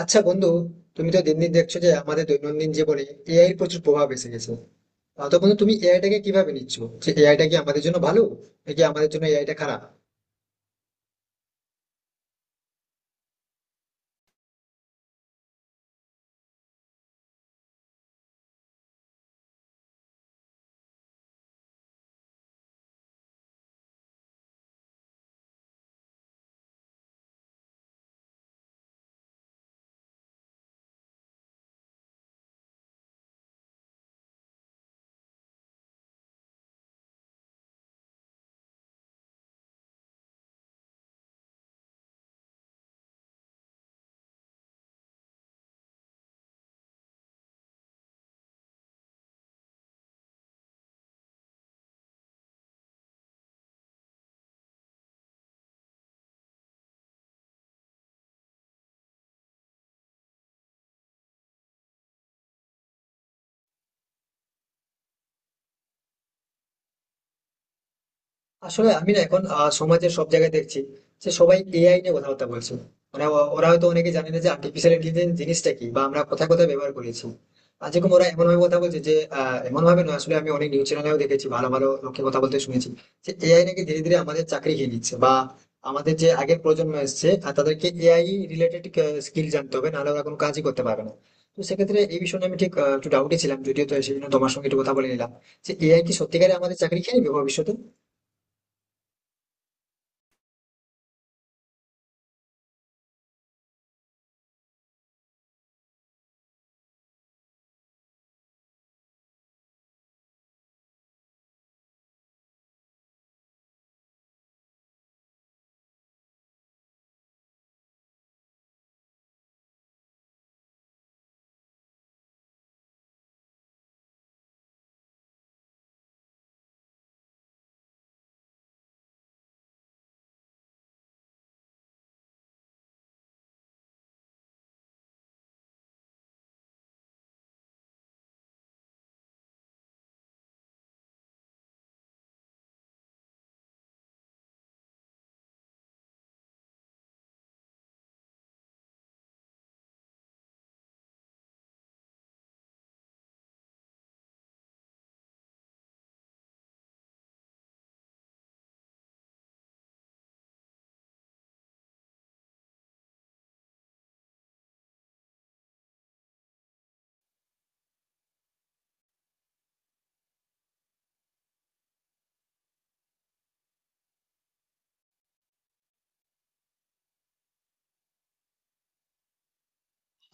আচ্ছা বন্ধু, তুমি তো দিন দিন দেখছো যে আমাদের দৈনন্দিন জীবনে এআই এর প্রচুর প্রভাব এসে গেছে। তো বন্ধু, তুমি এআইটাকে কিভাবে নিচ্ছো? যে এআইটা কি আমাদের জন্য ভালো, নাকি আমাদের জন্য এআইটা খারাপ? আসলে আমি না এখন সমাজে সব জায়গায় দেখছি যে সবাই এআই নিয়ে কথাবার্তা বলছে। মানে ওরা হয়তো অনেকে জানে না যে আর্টিফিশিয়াল ইন্টেলিজেন্স জিনিসটা কি, বা আমরা কোথায় কোথায় ব্যবহার করেছি। আর যেরকম ওরা এমন ভাবে কথা বলছে যে এমন ভাবে নয়, আসলে আমি অনেক নিউজ চ্যানেলেও দেখেছি, ভালো ভালো লোকে কথা বলতে শুনেছি যে এআই নাকি ধীরে ধীরে আমাদের চাকরি খেয়ে নিচ্ছে, বা আমাদের যে আগের প্রজন্ম এসেছে আর তাদেরকে এআই রিলেটেড স্কিল জানতে হবে, নাহলে ওরা কোনো কাজই করতে পারবে না। তো সেক্ষেত্রে এই বিষয়ে আমি ঠিক একটু ডাউটে ছিলাম, যদিও তো সেজন্য তোমার সঙ্গে একটু কথা বলে নিলাম যে এআই কি সত্যিকারে আমাদের চাকরি খেয়ে নেবে ভবিষ্যতে?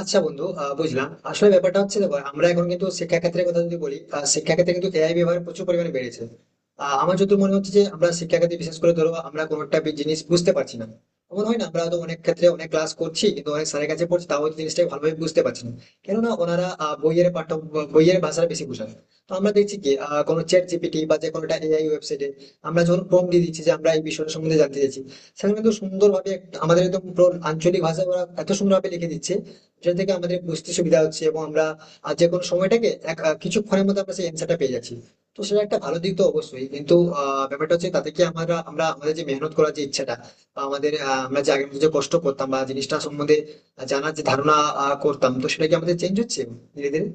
আচ্ছা বন্ধু, বুঝলাম। আসলে ব্যাপারটা হচ্ছে, দেখো আমরা এখন কিন্তু শিক্ষাক্ষেত্রের কথা যদি বলি, শিক্ষাক্ষেত্রে কিন্তু এআই ব্যবহার প্রচুর পরিমাণে বেড়েছে। আমার যত মনে হচ্ছে যে আমরা শিক্ষাক্ষেত্রে, বিশেষ করে ধরো আমরা কোনো একটা জিনিস বুঝতে পারছি না, এমন হয় না? আমরা হয়তো অনেক ক্ষেত্রে অনেক ক্লাস করছি, কিন্তু অনেক স্যারের কাছে পড়ছি, তাও হয়তো জিনিসটা ভালোভাবে বুঝতে পারছি না, কেননা ওনারা বইয়ের পাঠ্য বইয়ের ভাষাটা বেশি বোঝান। তো আমরা দেখছি কি কোনো চ্যাট জিপিটি বা যে কোনো একটা এআই ওয়েবসাইটে আমরা যখন প্রম্পট দিয়ে দিচ্ছি যে আমরা এই বিষয়টা সম্বন্ধে জানতে চাইছি, সেখানে কিন্তু সুন্দরভাবে আমাদের একদম পুরো আঞ্চলিক ভাষায় ওরা এত সুন্দরভাবে লিখে দিচ্ছে, যেটা থেকে আমাদের বুঝতে সুবিধা হচ্ছে, এবং আমরা যে কোনো সময়টাকে এক কিছুক্ষণের মধ্যে আমরা সেই অ্যান্সারটা পেয়ে যাচ্ছি। তো সেটা একটা ভালো দিক তো অবশ্যই, কিন্তু ব্যাপারটা হচ্ছে, তাতে কি আমরা আমরা আমাদের যে মেহনত করার যে ইচ্ছাটা, বা আমাদের আমরা যে আগের মধ্যে যে কষ্ট করতাম, বা জিনিসটা সম্বন্ধে জানার যে ধারণা করতাম, তো সেটা কি আমাদের চেঞ্জ হচ্ছে ধীরে ধীরে?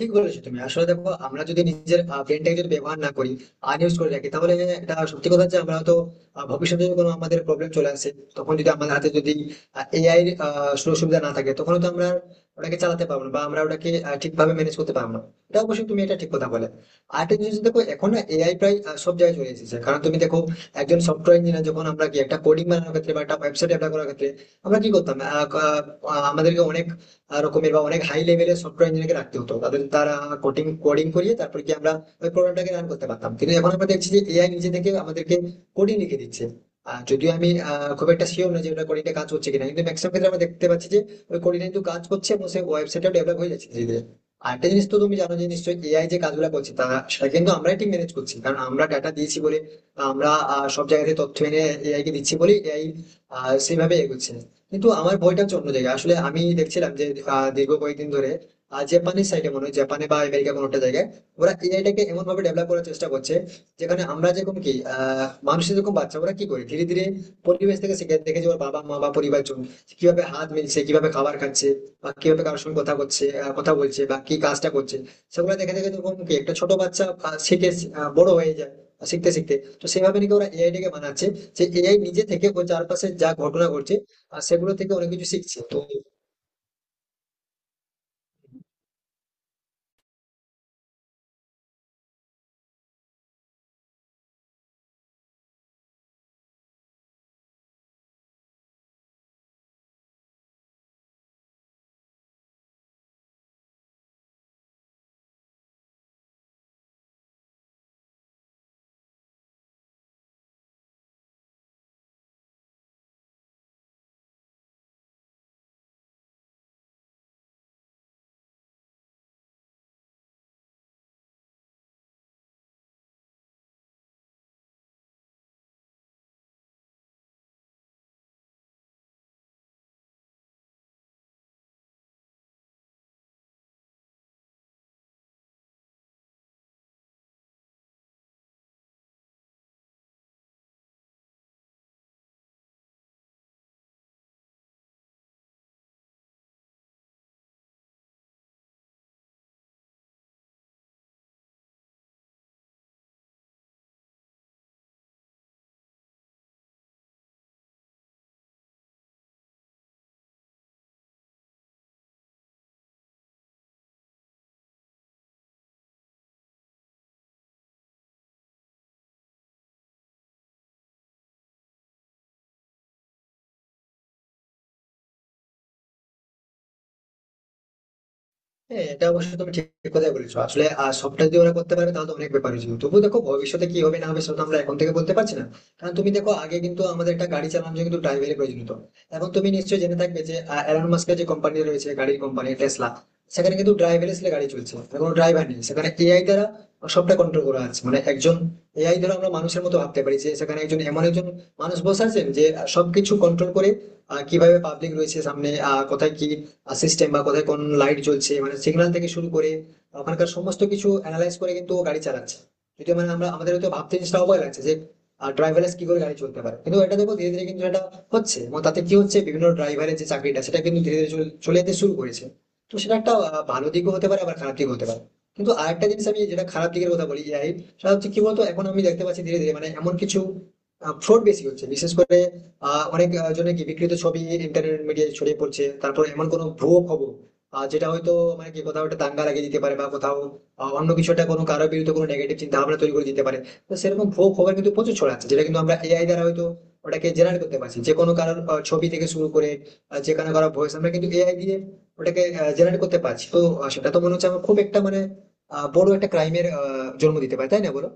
ঠিক বলেছো তুমি। আসলে দেখো, আমরা যদি নিজের ব্রেনটাকে যদি ব্যবহার না করি, আনইউজ করে রাখি, তাহলে এটা সত্যি কথা যে আমরা হয়তো ভবিষ্যতে যদি কোনো আমাদের প্রবলেম চলে আসে, তখন যদি আমাদের হাতে যদি এআই এর সুযোগ সুবিধা না থাকে, তখন তো আমরা ওটাকে চালাতে পারবো না, বা আমরা ওটাকে ঠিকভাবে ম্যানেজ করতে পারবো না। এটা অবশ্যই, তুমি এটা ঠিক কথা বলে। আর একটা জিনিস দেখো, এখন না এআই প্রায় সব জায়গায় চলে এসেছে। কারণ তুমি দেখো, একজন সফটওয়্যার ইঞ্জিনিয়ার যখন আমরা কি একটা কোডিং বানানোর ক্ষেত্রে বা একটা ওয়েবসাইট ডেভেলপ করার ক্ষেত্রে আমরা কি করতাম, আহ, আহ, আমাদেরকে অনেক রকমের বা অনেক হাই লেভেলের সফটওয়্যার ইঞ্জিনিয়ারকে রাখতে হতো, তাদের তারা কোডিং কোডিং করিয়ে তারপর কি আমরা ওই প্রোগ্রামটাকে রান করতে পারতাম। কিন্তু এখন আমরা দেখছি যে এআই নিজে থেকে আমাদেরকে কোডিং লিখে দিচ্ছে। আর যদিও আমি খুব একটা শিওর না যে ওটা কোডিংটা কাজ হচ্ছে কিনা, কিন্তু ম্যাক্সিমাম ক্ষেত্রে আমরা দেখতে পাচ্ছি যে ওই কোডিংটা কিন্তু কাজ করছে, এবং সেই ওয়েবসাইটটা ডেভেলপ হয়ে যাচ্ছে ধীরে ধীরে। আর একটা জিনিস তো তুমি জানো যে নিশ্চয়ই এআই যে কাজগুলো করছে তা সেটা কিন্তু আমরাই ঠিক ম্যানেজ করছি, কারণ আমরা ডাটা দিয়েছি বলে, আমরা সব জায়গা থেকে তথ্য এনে এআই কে দিচ্ছি বলেই এআই সেইভাবে এগোচ্ছে। কিন্তু আমার ভয়টা হচ্ছে অন্য জায়গায়। আসলে আমি দেখছিলাম যে দীর্ঘ কয়েকদিন ধরে জাপানের সাইডে মনে হয়, জাপানে বা আমেরিকা কোনো একটা জায়গায় ওরা এআইটাকে এমন ভাবে ডেভেলপ করার চেষ্টা করছে যেখানে আমরা যেরকম কি মানুষের যেরকম বাচ্চা ওরা কি করে, ধীরে ধীরে পরিবেশ থেকে শিখে, দেখে যে ওর বাবা মা বা পরিবার জন কিভাবে হাত মিলছে, কিভাবে খাবার খাচ্ছে, বা কিভাবে কারোর সঙ্গে কথা করছে, কথা বলছে বা কি কাজটা করছে, সেগুলো দেখে দেখে যেরকম কি একটা ছোট বাচ্চা শিখে বড় হয়ে যায় শিখতে শিখতে, তো সেভাবে নাকি ওরা এআইটাকে বানাচ্ছে, যে এআই নিজে থেকে ওর চারপাশে যা ঘটনা ঘটছে আর সেগুলো থেকে অনেক কিছু শিখছি। তো হ্যাঁ, এটা অবশ্যই তুমি ঠিক কথাই বলেছো। আসলে সবটা যদি ওরা করতে পারবে তাহলে তো অনেক ব্যাপার হয়েছিল, তবু দেখো ভবিষ্যতে কি হবে না হবে সেটা তো আমরা এখন থেকে বলতে পারছি না। কারণ তুমি দেখো, আগে কিন্তু আমাদের একটা গাড়ি চালানোর জন্য কিন্তু ড্রাইভারের প্রয়োজন হতো, এবং তুমি নিশ্চয়ই জেনে থাকবে যে এলন মাস্কের যে কোম্পানি রয়েছে, গাড়ির কোম্পানি টেসলা, সেখানে কিন্তু ড্রাইভার আসলে গাড়ি চলছে মানে কোনো ড্রাইভার নেই, সেখানে এআই দ্বারা সবটা কন্ট্রোল করা আছে। মানে একজন এআই দ্বারা আমরা মানুষের মতো ভাবতে পারি যে সেখানে একজন এমন একজন মানুষ বসে আছেন যে সবকিছু কন্ট্রোল করে, কিভাবে পাবলিক রয়েছে সামনে, কোথায় কি সিস্টেম বা কোথায় কোন লাইট জ্বলছে, মানে সিগন্যাল থেকে শুরু করে ওখানকার সমস্ত কিছু অ্যানালাইজ করে কিন্তু ও গাড়ি চালাচ্ছে। যদিও মানে আমরা আমাদের হয়তো ভাবতে জিনিসটা অবাক লাগছে যে ড্রাইভারলেস কি করে গাড়ি চলতে পারে, কিন্তু এটা দেখো ধীরে ধীরে কিন্তু এটা হচ্ছে। এবং তাতে কি হচ্ছে, বিভিন্ন ড্রাইভারের যে চাকরিটা সেটা কিন্তু ধীরে ধীরে চলে যেতে শুরু করেছে। তো সেটা একটা ভালো দিকও হতে পারে আবার খারাপ দিকও হতে পারে। কিন্তু আরেকটা জিনিস আমি যেটা খারাপ দিকের কথা বলি এআই, সেটা হচ্ছে কি বলতো, এখন আমি দেখতে পাচ্ছি ধীরে ধীরে মানে এমন কিছু ফ্রড বেশি হচ্ছে। বিশেষ করে অনেক জনের কি বিকৃত ছবি ইন্টারনেট মিডিয়ায় ছড়িয়ে পড়ছে, তারপর এমন কোনো ভুয়ো খবর যেটা হয়তো মানে কি কোথাও একটা দাঙ্গা লাগিয়ে দিতে পারে, বা কোথাও অন্য কিছু একটা কোনো কারোর বিরুদ্ধে কোনো নেগেটিভ চিন্তা ভাবনা তৈরি করে দিতে পারে। তো সেরকম ভুয়ো খবর কিন্তু প্রচুর ছড়াচ্ছে, যেটা কিন্তু আমরা এআই দ্বারা হয়তো ওটাকে জেনারেট করতে পারছি, যে কোনো কারোর ছবি থেকে শুরু করে যে কোনো কারোর ভয়েস আমরা কিন্তু এআই দিয়ে ওটাকে জেনারেট করতে পারছি। তো সেটা তো মনে হচ্ছে আমার খুব একটা মানে বড় একটা ক্রাইমের জন্ম দিতে পারে, তাই না বলো?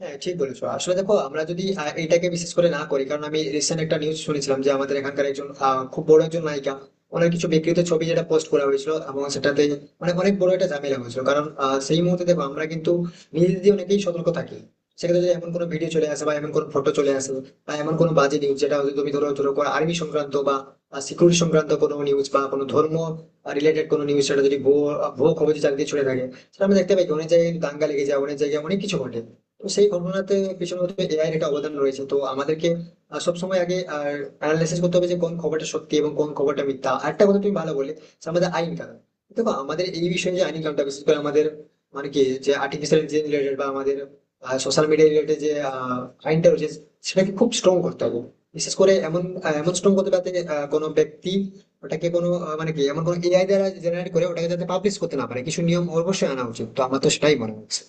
হ্যাঁ ঠিক বলেছো। আসলে দেখো, আমরা যদি এটাকে বিশেষ করে না করি, কারণ আমি রিসেন্ট একটা নিউজ শুনেছিলাম যে আমাদের এখানকার একজন খুব বড় একজন নায়িকা, ওনার কিছু বিকৃত ছবি যেটা পোস্ট করা হয়েছিল, এবং সেটাতে মানে অনেক বড় একটা ঝামেলা হয়েছিল। কারণ সেই মুহূর্তে দেখো আমরা কিন্তু নিজেদের দিয়ে অনেকেই সতর্ক থাকি। সেক্ষেত্রে যদি এমন কোনো ভিডিও চলে আসে, বা এমন কোনো ফটো চলে আসে, বা এমন কোনো বাজে নিউজ, যেটা হয়তো তুমি ধরো ধরো কোনো আর্মি সংক্রান্ত বা সিকিউরিটি সংক্রান্ত কোনো নিউজ বা কোনো ধর্ম রিলেটেড কোনো নিউজ, সেটা যদি ভুয়ো ভুয়ো খবর চাকরি ছড়ে থাকে, সেটা আমরা দেখতে পাই কি অনেক জায়গায় কিন্তু দাঙ্গা লেগে যায়, অনেক জায়গায় অনেক কিছু ঘটে। তো সেই ঘটনাতে পিছনে হয়তো এআই এর একটা অবদান রয়েছে। তো আমাদেরকে সবসময় আগে আর অ্যানালাইসিস করতে হবে যে কোন খবরটা সত্যি এবং কোন খবরটা মিথ্যা। আর একটা কথা তুমি ভালো বলে, যে আমাদের আইন কানুন, দেখো আমাদের এই বিষয়ে যে আইন কানুনটা, বিশেষ করে আমাদের মানে কি যে আর্টিফিশিয়াল যে রিলেটেড বা আমাদের সোশ্যাল মিডিয়া রিলেটেড যে আইনটা রয়েছে, সেটাকে খুব স্ট্রং করতে হবে। বিশেষ করে এমন এমন স্ট্রং করতে হবে যাতে কোনো ব্যক্তি ওটাকে কোনো মানে কি এমন কোনো এআই দ্বারা জেনারেট করে ওটাকে যাতে পাবলিশ করতে না পারে। কিছু নিয়ম অবশ্যই আনা উচিত, তো আমার তো সেটাই মনে হচ্ছে।